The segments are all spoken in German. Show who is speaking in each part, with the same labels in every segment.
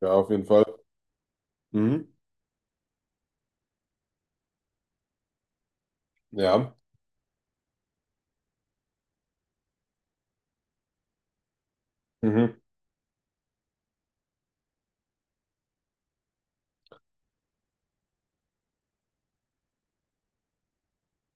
Speaker 1: Ja, auf jeden Fall. Mhm. Ja. Mhm.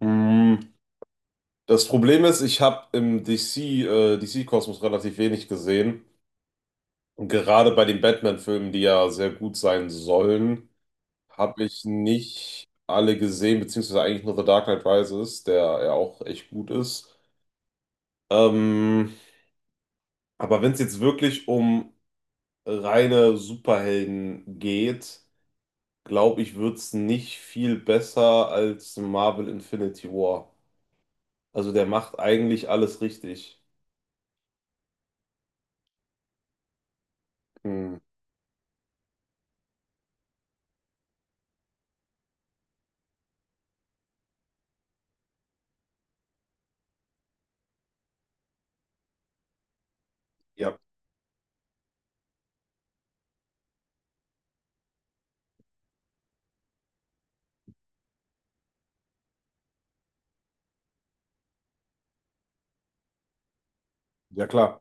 Speaker 1: Mhm. Das Problem ist, ich habe im DC-Kosmos relativ wenig gesehen. Und gerade bei den Batman-Filmen, die ja sehr gut sein sollen, habe ich nicht alle gesehen, beziehungsweise eigentlich nur The Dark Knight Rises, der ja auch echt gut ist. Ähm, aber wenn es jetzt wirklich um reine Superhelden geht, glaube ich, wird es nicht viel besser als Marvel Infinity War. Also der macht eigentlich alles richtig. Hm. Ja, ja klar.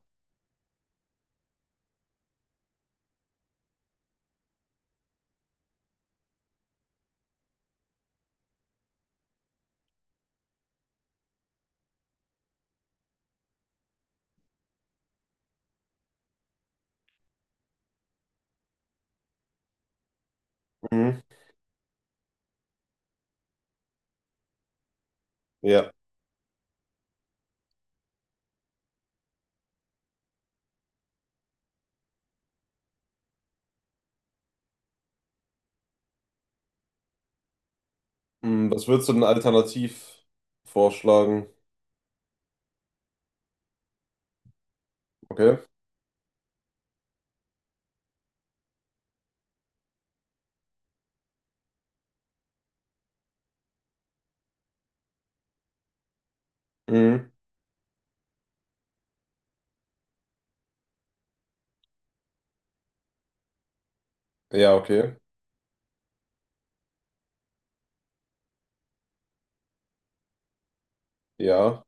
Speaker 1: Mhm. Ja. Mhm. Was würdest du denn alternativ vorschlagen? Okay. Mhm. Ja, okay. Ja.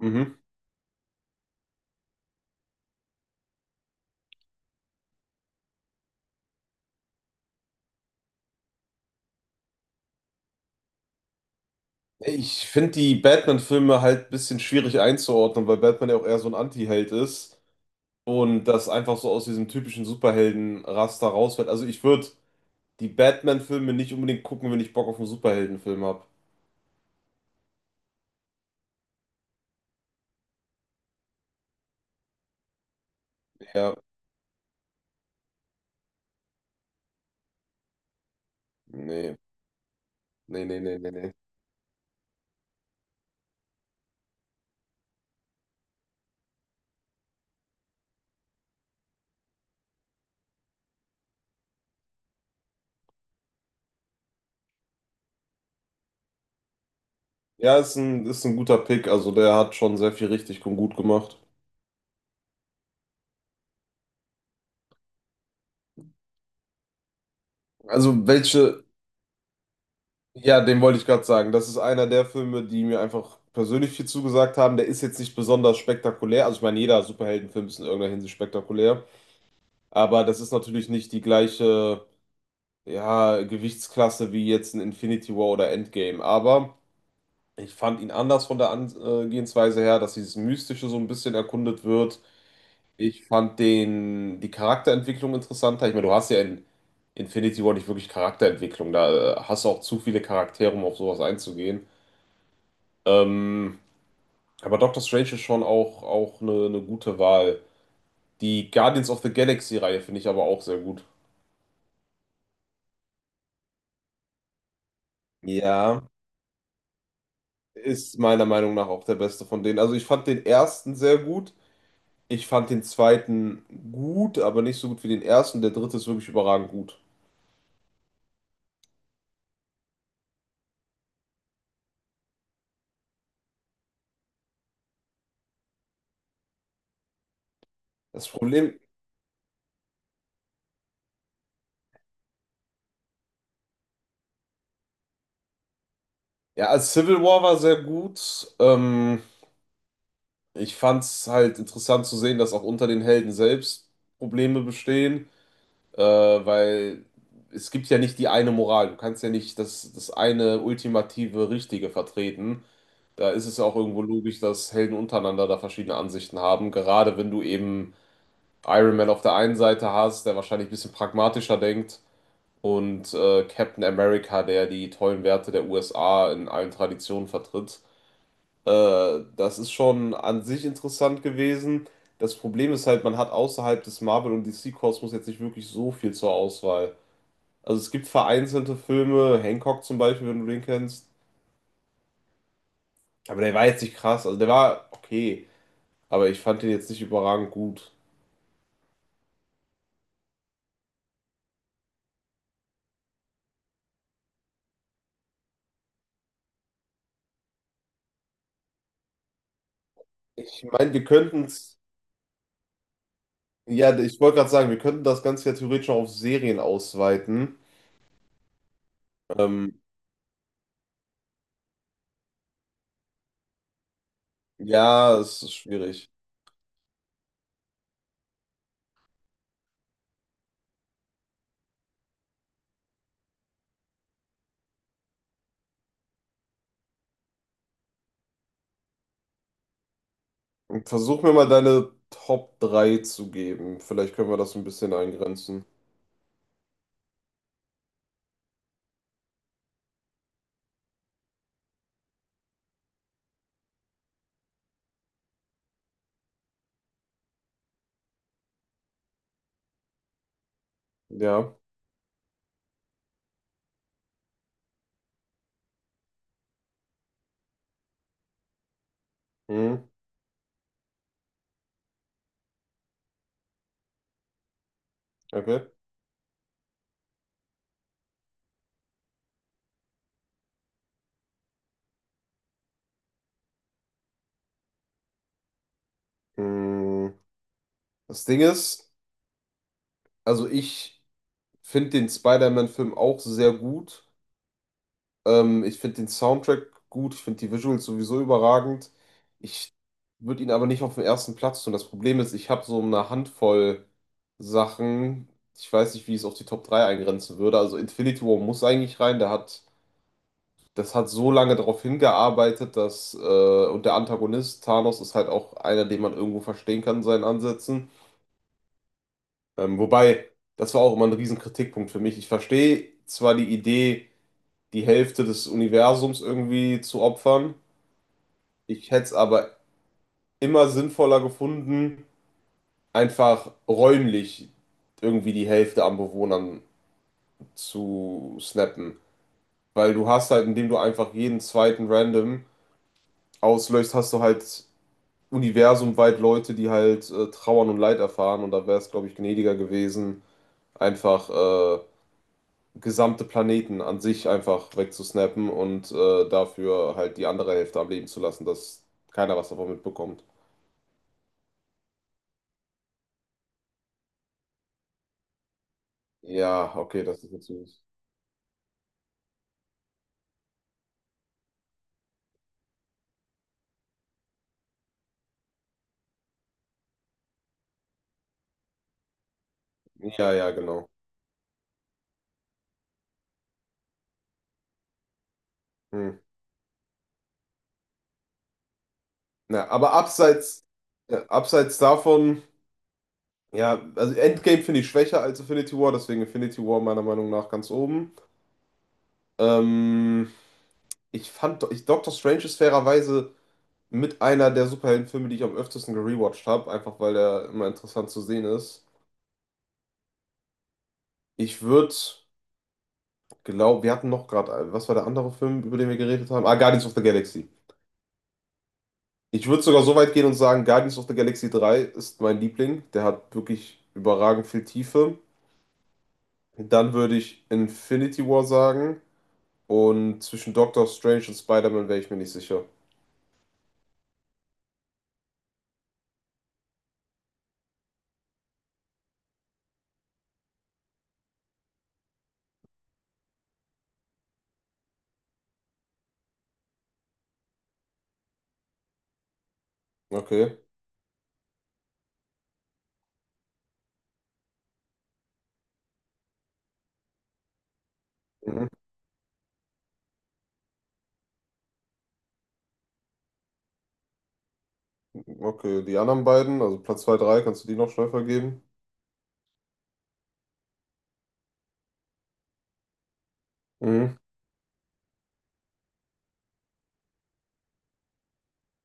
Speaker 1: Mhm. Ich finde die Batman-Filme halt ein bisschen schwierig einzuordnen, weil Batman ja auch eher so ein Anti-Held ist und das einfach so aus diesem typischen Superhelden-Raster rausfällt. Also ich würde die Batman-Filme nicht unbedingt gucken, wenn ich Bock auf einen Superheldenfilm habe. Ja. Nee. Nee, nee, nee, nee, nee. Ja, ist ein guter Pick. Also der hat schon sehr viel richtig und gut gemacht. Also welche, ja, den wollte ich gerade sagen. Das ist einer der Filme, die mir einfach persönlich viel zugesagt haben. Der ist jetzt nicht besonders spektakulär. Also ich meine, jeder Superheldenfilm ist in irgendeiner Hinsicht spektakulär. Aber das ist natürlich nicht die gleiche, ja, Gewichtsklasse wie jetzt ein Infinity War oder Endgame. Aber ich fand ihn anders von der Angehensweise her, dass dieses Mystische so ein bisschen erkundet wird. Ich fand den, die Charakterentwicklung interessanter. Ich meine, du hast ja in Infinity War nicht wirklich Charakterentwicklung. Da hast du auch zu viele Charaktere, um auf sowas einzugehen. Ähm, aber Doctor Strange ist schon auch, auch eine gute Wahl. Die Guardians of the Galaxy-Reihe finde ich aber auch sehr gut. Ja, ist meiner Meinung nach auch der beste von denen. Also ich fand den ersten sehr gut. Ich fand den zweiten gut, aber nicht so gut wie den ersten. Der dritte ist wirklich überragend gut. Das Problem, ja, also Civil War war sehr gut. Ich fand es halt interessant zu sehen, dass auch unter den Helden selbst Probleme bestehen, weil es gibt ja nicht die eine Moral. Du kannst ja nicht das, das eine ultimative Richtige vertreten. Da ist es ja auch irgendwo logisch, dass Helden untereinander da verschiedene Ansichten haben. Gerade wenn du eben Iron Man auf der einen Seite hast, der wahrscheinlich ein bisschen pragmatischer denkt, und Captain America, der die tollen Werte der USA in allen Traditionen vertritt. Das ist schon an sich interessant gewesen. Das Problem ist halt, man hat außerhalb des Marvel- und DC-Kosmos jetzt nicht wirklich so viel zur Auswahl. Also es gibt vereinzelte Filme, Hancock zum Beispiel, wenn du den kennst. Aber der war jetzt nicht krass. Also der war okay, aber ich fand den jetzt nicht überragend gut. Ich meine, wir könnten es, ja, ich wollte gerade sagen, wir könnten das Ganze ja theoretisch auch auf Serien ausweiten. Ähm, ja, es ist schwierig. Versuch mir mal deine Top 3 zu geben. Vielleicht können wir das ein bisschen eingrenzen. Ja, hm, okay. Hm. Das Ding ist, also ich finde den Spider-Man-Film auch sehr gut. Ich finde den Soundtrack gut. Ich finde die Visuals sowieso überragend. Ich würde ihn aber nicht auf den ersten Platz tun. Das Problem ist, ich habe so eine Handvoll Sachen. Ich weiß nicht, wie ich es auf die Top 3 eingrenzen würde. Also Infinity War muss eigentlich rein. Der hat Das hat so lange darauf hingearbeitet, dass, und der Antagonist Thanos ist halt auch einer, den man irgendwo verstehen kann in seinen Ansätzen. Ähm, wobei, das war auch immer ein riesen Kritikpunkt für mich. Ich verstehe zwar die Idee, die Hälfte des Universums irgendwie zu opfern, ich hätte es aber immer sinnvoller gefunden, einfach räumlich irgendwie die Hälfte an Bewohnern zu snappen. Weil du hast halt, indem du einfach jeden zweiten Random auslöst, hast du halt universumweit Leute, die halt trauern und Leid erfahren. Und da wäre es, glaube ich, gnädiger gewesen, einfach gesamte Planeten an sich einfach wegzusnappen und dafür halt die andere Hälfte am Leben zu lassen, dass keiner was davon mitbekommt. Ja, okay, das ist natürlich. Ja, ja, genau. Hm. Na, aber abseits davon, ja, also Endgame finde ich schwächer als Infinity War, deswegen Infinity War meiner Meinung nach ganz oben. Ähm, Doctor Strange ist fairerweise mit einer der Superheldenfilme, die ich am öftesten gerewatcht habe, einfach weil er immer interessant zu sehen ist. Ich würde Glaube, wir hatten noch gerade, was war der andere Film, über den wir geredet haben? Ah, Guardians of the Galaxy. Ich würde sogar so weit gehen und sagen, Guardians of the Galaxy 3 ist mein Liebling. Der hat wirklich überragend viel Tiefe. Dann würde ich Infinity War sagen. Und zwischen Doctor Strange und Spider-Man wäre ich mir nicht sicher. Okay. Mhm. Okay, die anderen beiden, also Platz 2 3 kannst du die noch schnell vergeben? Mhm.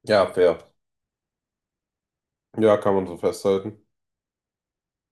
Speaker 1: Ja, fair. Ja, kann man so festhalten.